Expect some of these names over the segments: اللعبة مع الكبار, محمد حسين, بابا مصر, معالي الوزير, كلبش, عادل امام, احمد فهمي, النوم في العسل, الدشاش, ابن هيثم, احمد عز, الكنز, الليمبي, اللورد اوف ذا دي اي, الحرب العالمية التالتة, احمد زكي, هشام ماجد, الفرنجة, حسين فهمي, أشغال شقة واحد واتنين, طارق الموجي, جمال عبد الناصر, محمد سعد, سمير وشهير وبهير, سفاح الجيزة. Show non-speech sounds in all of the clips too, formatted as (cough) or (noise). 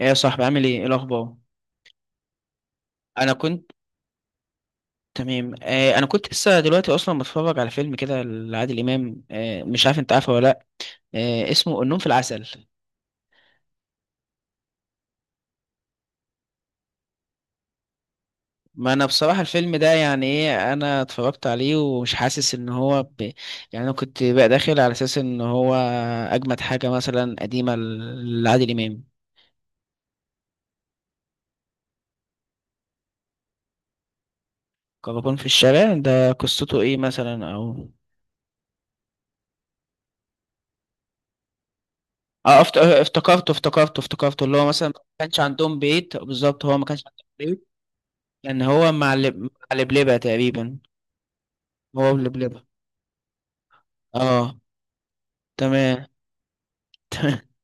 ايه يا صاحبي عامل ايه ايه الاخبار. انا كنت تمام. انا كنت لسه دلوقتي اصلا بتفرج على فيلم كده لعادل امام. مش عارف انت عارفه ولا لا؟ آه اسمه النوم في العسل. ما انا بصراحه الفيلم ده يعني ايه انا اتفرجت عليه ومش حاسس ان هو يعني انا كنت بقى داخل على اساس ان هو اجمد حاجه مثلا قديمه لعادل امام. كراكون في الشارع ده قصته ايه مثلا او افتكرته افتكرته اللي هو مثلا ما كانش عندهم بيت بالظبط، هو ما كانش لان هو مع لبلبة تقريبا. هو بلبلبة. اه تمام. (laughs)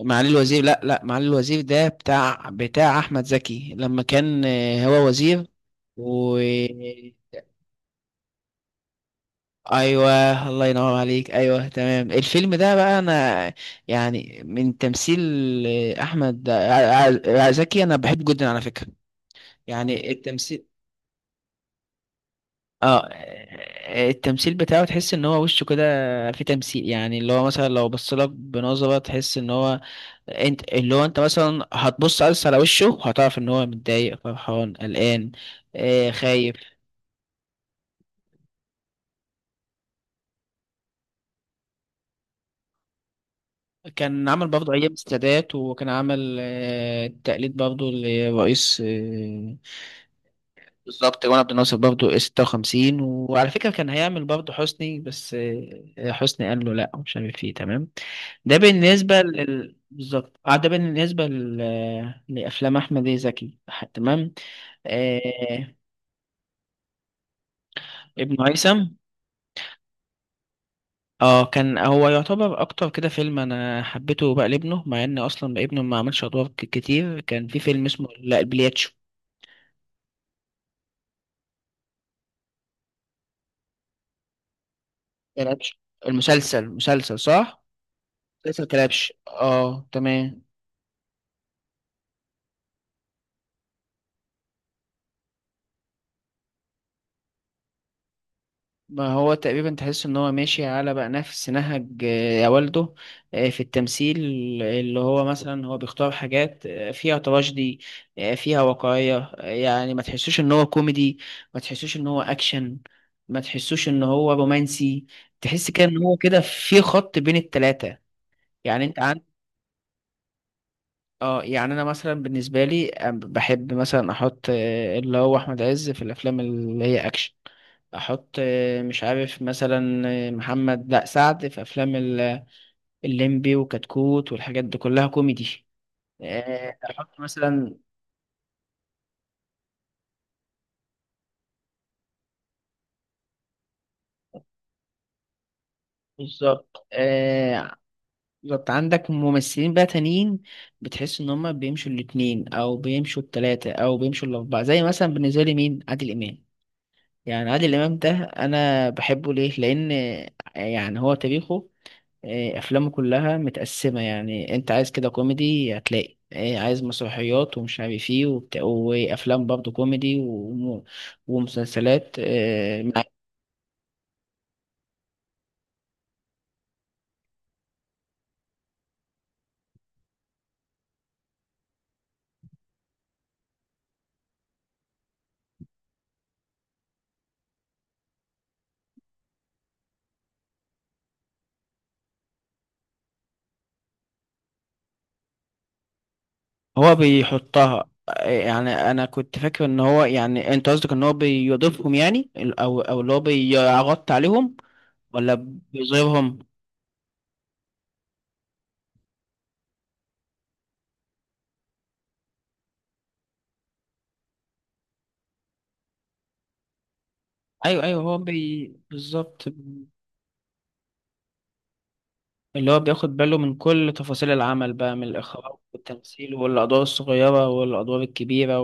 معالي الوزير، لا معالي الوزير ده بتاع احمد زكي لما كان، هو وزير و ايوه الله ينور عليك، ايوه تمام. الفيلم ده بقى انا يعني من تمثيل احمد زكي. انا بحبه جدا على فكرة، يعني التمثيل. اه التمثيل بتاعه تحس ان هو وشه كده في تمثيل، يعني اللي هو مثلا لو بص لك بنظرة تحس ان هو، انت اللي هو انت مثلا هتبص بس على وشه هتعرف ان هو متضايق، فرحان، قلقان، خايف. كان عمل برضه ايام السادات وكان عمل تقليد برضه لرئيس بالظبط، جمال عبد الناصر برضه 56. وعلى فكرة كان هيعمل برضه حسني، بس حسني قال له لا، مش عارف ايه. تمام، ده بالنسبة لل بالظبط. اه ده لأفلام أحمد زكي. تمام. آه... ابن هيثم. اه كان هو يعتبر أكتر كده فيلم أنا حبيته بقى لابنه، مع إن أصلا ابنه ما عملش أدوار كتير. كان في فيلم اسمه لا البلياتشو. كلبش المسلسل، مسلسل صح؟ مسلسل كلبش، اه تمام. ما هو تقريبا تحس ان هو ماشي على بقى نفس نهج يا والده في التمثيل. اللي هو مثلا هو بيختار حاجات فيها تراجيدي، فيها واقعية. يعني ما تحسوش ان هو كوميدي، ما تحسوش ان هو اكشن، ما تحسوش ان هو رومانسي. تحس كده ان هو كده في خط بين التلاتة. يعني انت عن، اه يعني انا مثلا بالنسبة لي بحب مثلا احط اللي هو احمد عز في الافلام اللي هي اكشن. احط مش عارف مثلا محمد، لا، سعد في افلام الليمبي وكتكوت والحاجات دي كلها كوميدي. احط مثلا بالظبط بالظبط. عندك ممثلين بقى تانيين بتحس ان هم بيمشوا الاتنين او بيمشوا التلاتة او بيمشوا الاربعة، زي مثلا بالنسبة لي مين؟ عادل امام. يعني عادل امام ده انا بحبه ليه؟ لان يعني هو تاريخه إيه، افلامه كلها متقسمه. يعني انت عايز كده كوميدي هتلاقي، إيه، عايز مسرحيات ومش عارف ايه وبتاع، وافلام برضه كوميدي ومسلسلات إيه، هو بيحطها إيه، يعني انا كنت فاكر ان هو، يعني انت قصدك ان هو بيضيفهم يعني او اللي هو بيغطي عليهم ولا بيظهرهم؟ ايوه هو بالظبط. اللي هو بياخد باله من كل تفاصيل العمل بقى، من الاخراج والتمثيل والادوار الصغيره والادوار الكبيره.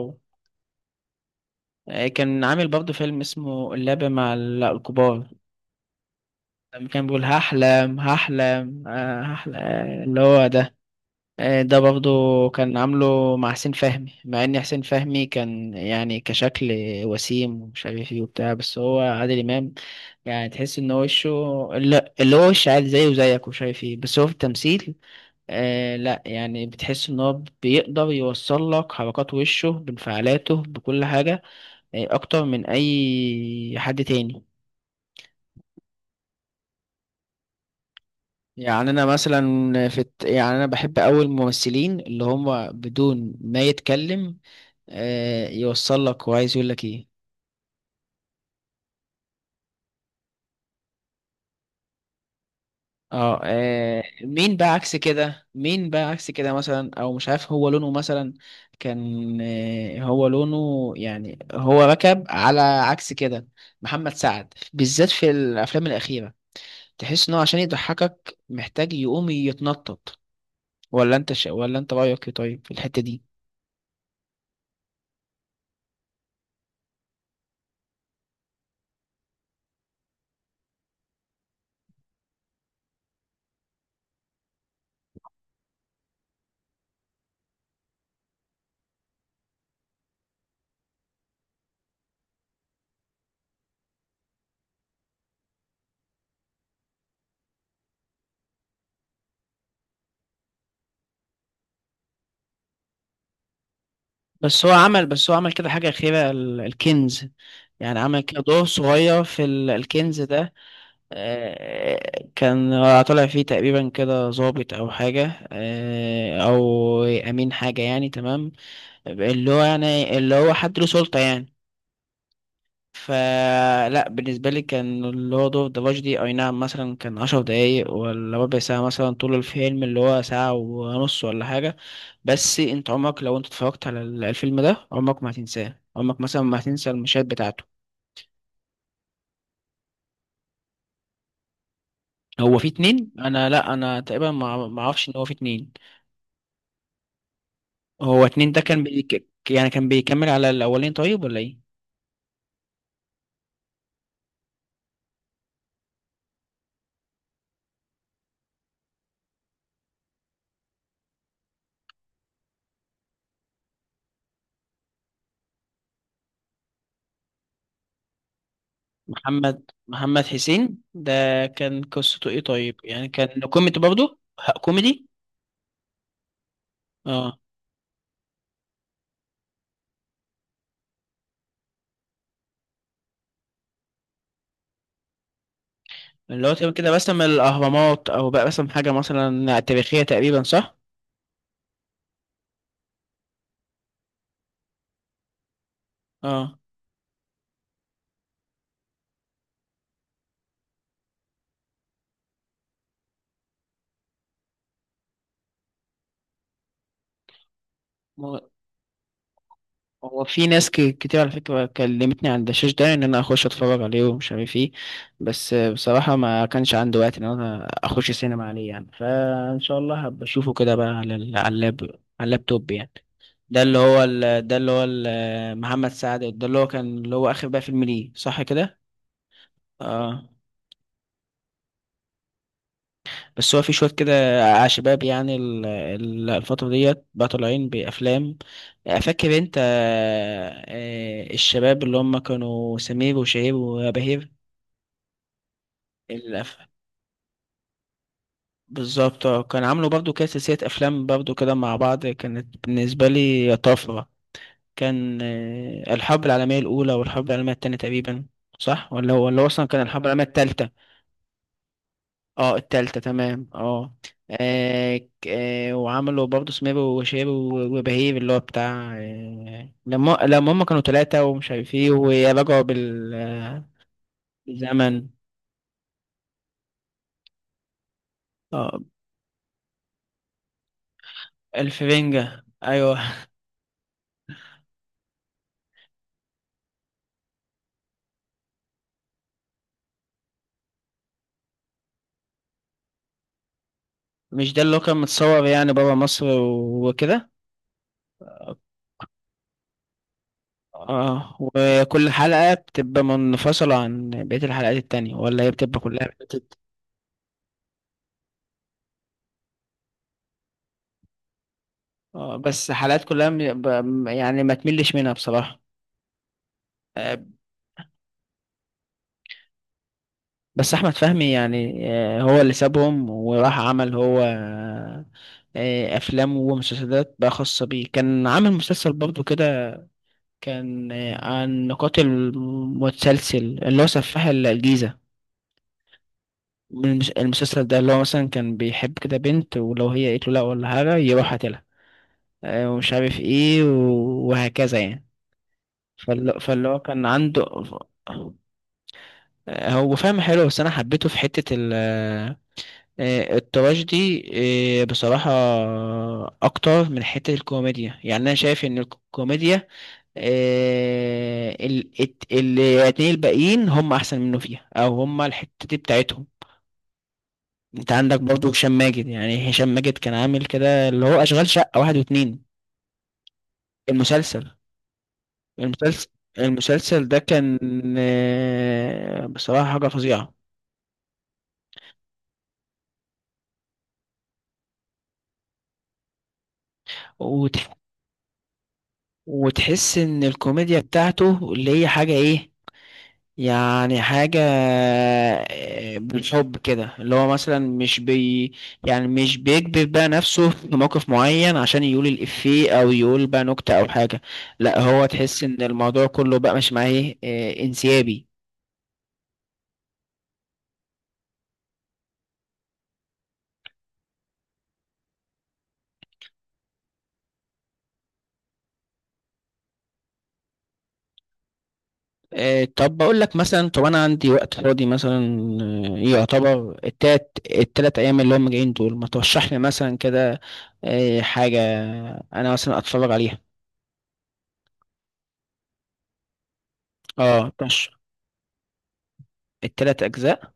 كان عامل برضه فيلم اسمه اللعبة مع الكبار، لما كان بيقول هحلم هحلم اللي هو ده. ده برضه كان عامله مع حسين فهمي، مع ان حسين فهمي كان يعني كشكل وسيم ومش عارف ايه وبتاع، بس هو عادل امام يعني تحس ان هو وشه، لا اللي هو وش عادي زيه وزيك ومش عارف ايه، بس هو في التمثيل لا، يعني بتحس ان هو بيقدر يوصل لك حركات وشه بانفعالاته بكل حاجة، يعني اكتر من اي حد تاني. يعني انا مثلا في يعني انا بحب أوي الممثلين اللي هم بدون ما يتكلم يوصل لك هو عايز يقول لك ايه. اه مين بقى عكس كده، مين بقى عكس كده، مثلا او مش عارف هو لونه مثلا كان هو لونه يعني هو ركب على عكس كده. محمد سعد بالذات في الافلام الاخيره تحس انه عشان يضحكك محتاج يقوم يتنطط. ولا انت رايك ايه طيب في الحته دي؟ بس هو عمل كده حاجه اخيره، الكنز. يعني عمل كده دور صغير في الكنز ده. كان طالع فيه تقريبا كده ضابط او حاجه او امين حاجه يعني، تمام، اللي هو حد له سلطه يعني. فلا بالنسبة لي كان اللورد اوف ذا دي، اي نعم مثلا كان عشر دقايق ولا ربع ساعة مثلا طول الفيلم اللي هو ساعة ونص ولا حاجة، بس انت عمرك لو انت اتفرجت على الفيلم ده عمرك ما هتنساه، عمرك مثلا ما هتنسى المشاهد بتاعته. هو في اتنين؟ انا لا انا تقريبا ما اعرفش ان هو في اتنين. هو اتنين ده كان يعني كان بيكمل على الاولين طيب ولا ايه؟ محمد حسين ده كان قصته ايه طيب، يعني كان كوميدي برضه كوميدي؟ اه اللي هو تقريبا كده بسم الأهرامات أو بقى بسم حاجة مثلا تاريخية تقريبا صح؟ اه هو هو في ناس كتير على فكرة كلمتني عن الدشاش ده إن أنا أخش أتفرج عليه ومش عارف إيه، بس بصراحة ما كانش عندي وقت إن أنا أخش سينما عليه يعني، فإن شاء الله هبقى أشوفه كده بقى على على اللاب، على اللابتوب يعني. ده اللي هو محمد سعد ده اللي هو كان اللي هو آخر بقى فيلم ليه صح كده؟ اه بس هو في شوية كده شباب يعني الفترة ديت بقى طالعين بأفلام. فاكر انت الشباب اللي هم كانوا سمير وشهير وبهير؟ الأف... بالظبط كان عاملوا برضو كده سلسلة أفلام برضو كده مع بعض، كانت بالنسبة لي طفرة. كان الحرب العالمية الأولى والحرب العالمية التانية تقريبا، صح؟ ولا هو أصلا كان الحرب العالمية التالتة؟ اه التالتة تمام، اه وعملوا برضه سمير وشهير وبهير اللي هو بتاع لما هم كانوا تلاتة ومش عارف ايه ورجعوا بالزمن. اه الفرنجة، ايوه. مش ده اللي هو كان متصور يعني بابا مصر وكده؟ اه وكل حلقة بتبقى منفصلة عن بقية الحلقات التانية، ولا هي بتبقى كلها اه بس حلقات كلها يعني ما تملش منها بصراحة. آه، بس احمد فهمي يعني هو اللي سابهم وراح عمل هو افلام ومسلسلات بقى خاصة بيه. كان عامل مسلسل برضه كده، كان عن قاتل متسلسل اللي هو سفاح الجيزة. المسلسل ده اللي هو مثلا كان بيحب كده بنت، ولو هي قالت له لا ولا حاجة يروح قاتلها ومش عارف ايه وهكذا يعني. فاللي هو كان عنده هو فاهم حلو، بس انا حبيته في حتة ال آه، التراجيدي بصراحة أكتر من حتة الكوميديا. يعني أنا شايف إن الكوميديا الاتنين الباقيين هم أحسن منه فيها، أو هم الحتة دي بتاعتهم. أنت عندك برضه هشام ماجد، يعني هشام ماجد كان عامل كده اللي هو أشغال شقة واحد واتنين، المسلسل. المسلسل المسلسل ده كان بصراحة حاجة فظيعة. وتح- وتحس إن الكوميديا بتاعته اللي هي حاجة إيه، يعني حاجة بالحب كده، اللي هو مثلا مش بي، يعني مش بيكبر بقى نفسه (laughs) في موقف معين عشان يقول الإفيه أو يقول بقى نكتة أو حاجة. لا هو تحس إن الموضوع كله بقى مش معاه إيه، انسيابي. طب بقول لك مثلا، طب أنا عندي وقت فاضي مثلا يعتبر التلات أيام اللي هم جايين دول، ما ترشح لي مثلا كده حاجة أنا مثلا أتفرج عليها؟ اه ترشح التلات أجزاء؟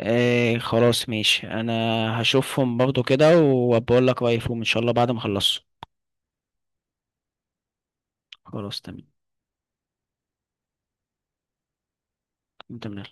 ايه خلاص ماشي، انا هشوفهم برضو كده وبقول لك رأيي فيهم ان شاء الله بعد ما اخلصهم. خلاص تمام. تمام.